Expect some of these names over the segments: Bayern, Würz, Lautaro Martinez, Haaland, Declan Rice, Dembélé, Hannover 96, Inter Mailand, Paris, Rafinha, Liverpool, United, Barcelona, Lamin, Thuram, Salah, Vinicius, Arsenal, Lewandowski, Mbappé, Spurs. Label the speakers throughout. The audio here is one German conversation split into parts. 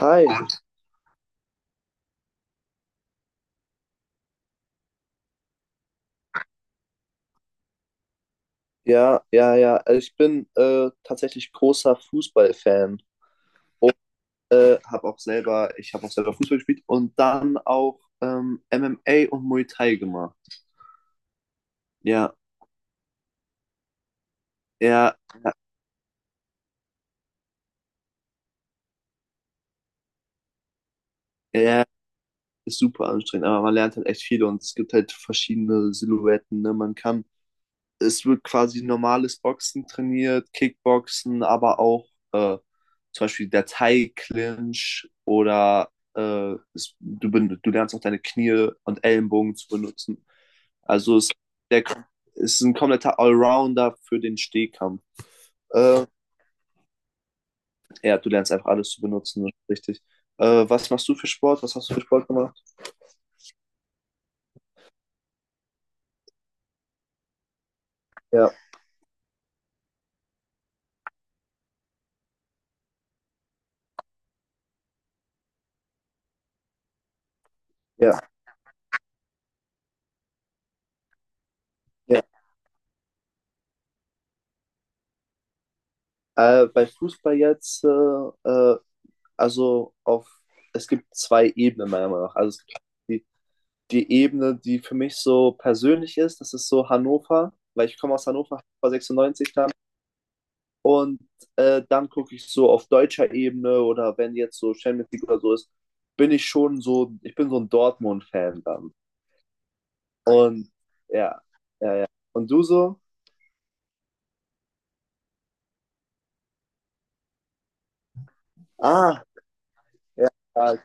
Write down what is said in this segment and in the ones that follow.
Speaker 1: Hi, ja, ja, ja. Also ich bin tatsächlich großer Fußballfan. Ich habe auch selber Fußball gespielt und dann auch MMA und Muay Thai gemacht. Ja, ja, ja, ist super anstrengend, aber man lernt halt echt viel und es gibt halt verschiedene Silhouetten, ne? Man kann Es wird quasi normales Boxen trainiert, Kickboxen, aber auch zum Beispiel der Thai-Clinch oder du lernst auch deine Knie und Ellenbogen zu benutzen. Also es, der, Es ist ein kompletter Allrounder für den Stehkampf. Äh, ja, du lernst einfach alles zu benutzen, das ist richtig. Was machst du für Sport? Was hast du für Sport gemacht? Ja, ja, ja. Bei Fußball jetzt äh, also auf, es gibt zwei Ebenen meiner Meinung nach. Also es gibt die, die Ebene, die für mich so persönlich ist, das ist so Hannover, weil ich komme aus Hannover, Hannover 96 dann. Und dann gucke ich so auf deutscher Ebene, oder wenn jetzt so Champions League oder so ist, bin ich schon so, ich bin so ein Dortmund-Fan dann. Und ja, und du so? Ah, ja,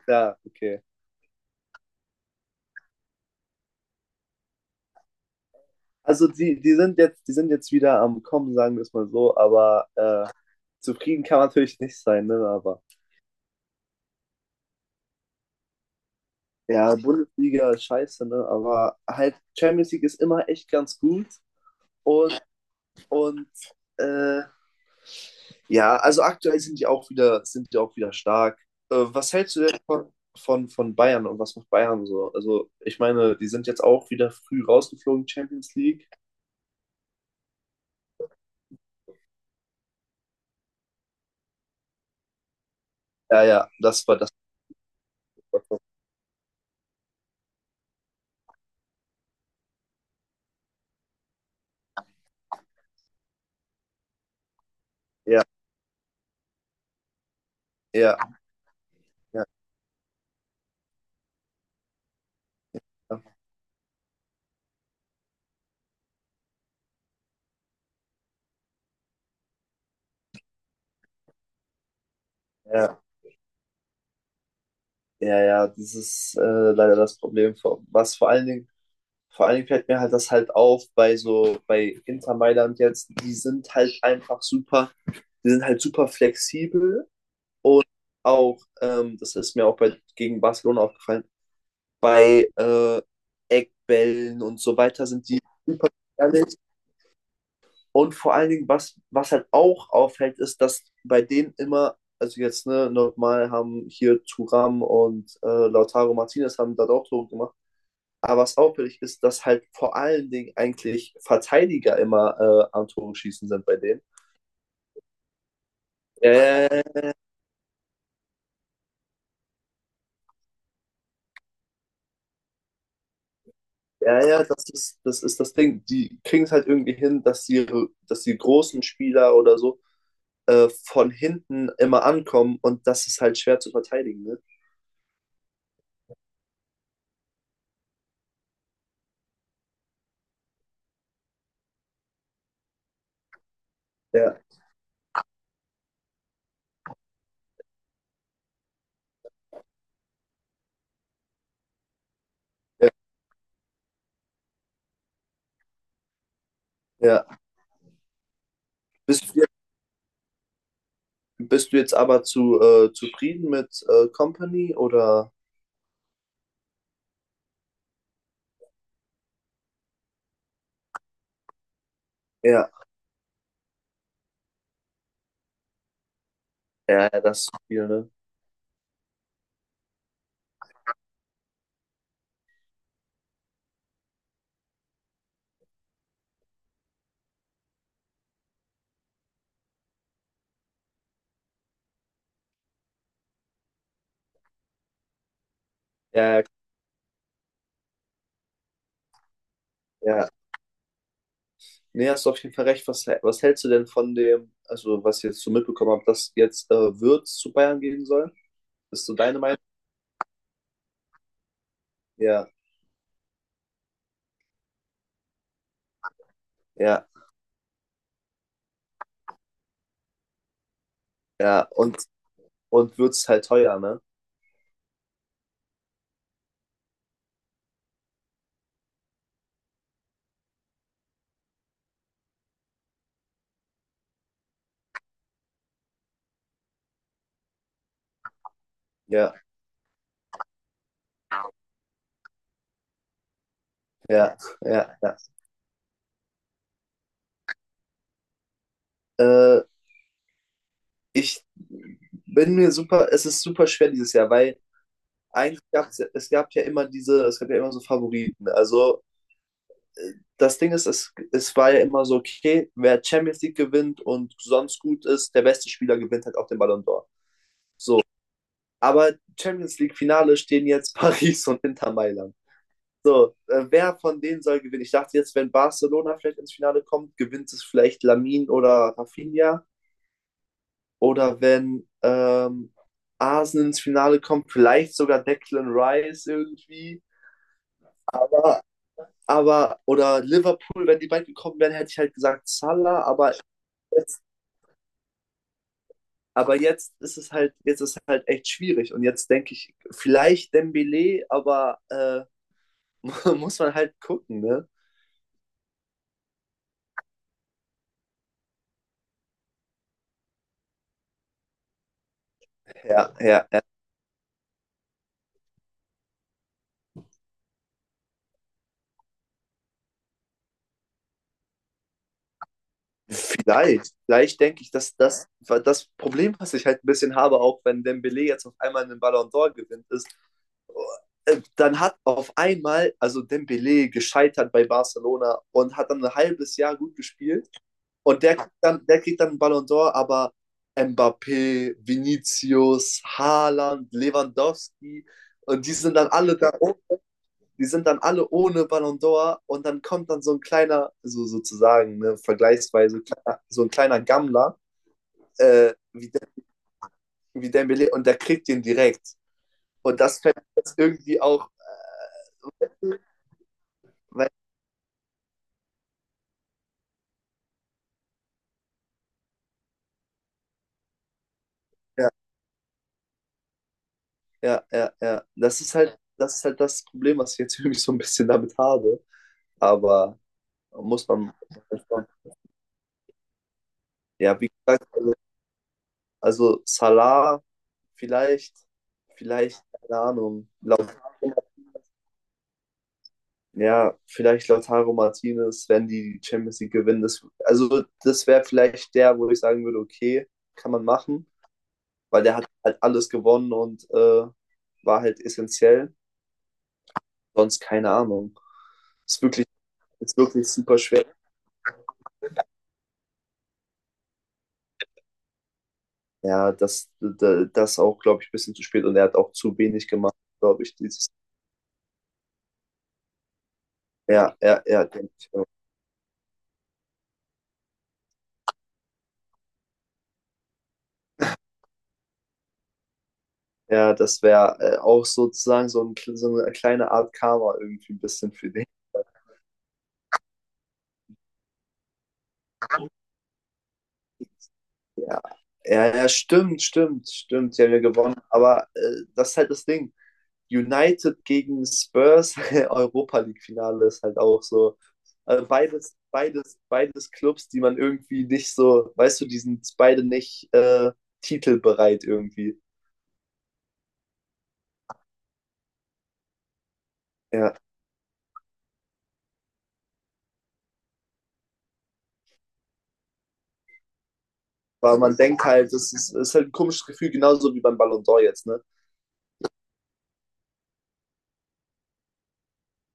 Speaker 1: klar, okay. Also die sind jetzt wieder am Kommen, sagen wir es mal so, aber zufrieden kann man natürlich nicht sein, ne? Aber ja, Bundesliga ist scheiße, ne? Aber halt Champions League ist immer echt ganz gut. Und, und äh, ja, also aktuell sind die auch wieder, sind die auch wieder stark. Was hältst du denn von Bayern, und was macht Bayern so? Also, ich meine, die sind jetzt auch wieder früh rausgeflogen, Champions League. Ja, ja, das. War, ja, ja, ja. Ja. Ja, ja, ja, das ist leider das Problem. Vor- Was vor allen Dingen, Vor allen Dingen fällt mir halt das halt auf bei so, bei Inter Mailand jetzt, die sind halt einfach super, die sind halt super flexibel und auch, das ist mir auch bei, gegen Barcelona aufgefallen, bei Eckbällen und so weiter sind die super gefährlich. Und vor allen Dingen, was halt auch auffällt, ist, dass bei denen immer, also jetzt, ne, normal haben hier Thuram und Lautaro Martinez haben da auch Tore gemacht. Aber was auffällig ist, dass halt vor allen Dingen eigentlich Verteidiger immer am Tore schießen sind bei denen. Äh, ja, ja, ja, ja, ja, das ist das Ding. Die kriegen es halt irgendwie hin, dass die großen Spieler oder so von hinten immer ankommen, und das ist halt schwer zu verteidigen. Ne? Ja, ja, ja. Bist, du- Bist du jetzt aber zu zufrieden mit Company oder? Ja, ja, ja, das ist viel, ne? Ja, ja, ja. Nee, hast du auf jeden Fall recht. Was hältst du denn von dem, also was ich jetzt so mitbekommen habe, dass jetzt Würz zu Bayern gehen soll? Ist so deine Meinung? Ja, ja, ja. Und Würz ist halt teuer, ne? Ja, ja, ja, ja. Äh, ich bin mir super, Es ist super schwer dieses Jahr, weil eigentlich gab es, es gab ja immer diese, es gab ja immer so Favoriten. Also das Ding ist, es war ja immer so, okay, wer Champions League gewinnt und sonst gut ist, der beste Spieler gewinnt halt auch den Ballon d'Or. So, aber Champions League Finale stehen jetzt Paris und Inter Mailand. So, wer von denen soll gewinnen? Ich dachte jetzt, wenn Barcelona vielleicht ins Finale kommt, gewinnt es vielleicht Lamin oder Rafinha. Oder wenn Arsenal ins Finale kommt, vielleicht sogar Declan Rice irgendwie. Aber, oder Liverpool, wenn die beiden gekommen wären, hätte ich halt gesagt Salah, aber jetzt ist es halt, jetzt ist es halt echt schwierig. Und jetzt denke ich, vielleicht Dembélé, aber muss man halt gucken, ne? Ja, ja, ja. Vielleicht denke ich, das Problem, was ich halt ein bisschen habe, auch wenn Dembélé jetzt auf einmal einen Ballon d'Or gewinnt, ist, dann hat auf einmal, also Dembélé gescheitert bei Barcelona und hat dann ein halbes Jahr gut gespielt. Und der kriegt dann einen Ballon d'Or, aber Mbappé, Vinicius, Haaland, Lewandowski und die sind dann alle da, oh, die sind dann alle ohne Ballon d'Or, und dann kommt dann so ein kleiner, so sozusagen, ne, vergleichsweise kleiner, so ein kleiner Gammler äh, wie, De- wie Dembélé, und der kriegt den direkt. Und das fällt jetzt irgendwie auch, weil, ja, ja, ja, ja, das ist halt das Problem, was ich jetzt irgendwie so ein bisschen damit habe, aber muss man, muss man. Ja, wie gesagt, also Salah vielleicht, vielleicht, keine Ahnung, laut, ja, vielleicht Lautaro Martinez, wenn die die Champions League gewinnen. Das, also das wäre vielleicht der, wo ich sagen würde, okay, kann man machen, weil der hat halt alles gewonnen und war halt essentiell. Sonst keine Ahnung. Ist wirklich, Ist wirklich super schwer. Ja, das auch, glaube ich, ein bisschen zu spät, und er hat auch zu wenig gemacht, glaube ich, dieses. Ja, ja, ja, denke ich. Ja, das wäre auch sozusagen so, so eine kleine Art Karma irgendwie ein bisschen für den. Ja, ja, ja, stimmt, stimmt, stimmt. Die haben ja gewonnen. Aber das ist halt das Ding. United gegen Spurs, Europa League-Finale ist halt auch so. Also beides, beides, beides Clubs, die man irgendwie nicht so, weißt du, die sind beide nicht titelbereit irgendwie. Ja, weil man denkt halt, ist halt ein komisches Gefühl, genauso wie beim Ballon d'Or jetzt, ne?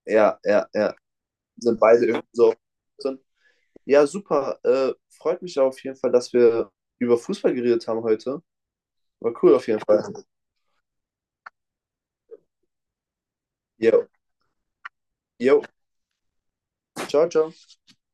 Speaker 1: Ja, ja, ja. Sind beide irgendwie so. Ja, super. Freut mich auf jeden Fall, dass wir über Fußball geredet haben heute. War cool auf jeden Fall. Jo, jo, ciao, ciao.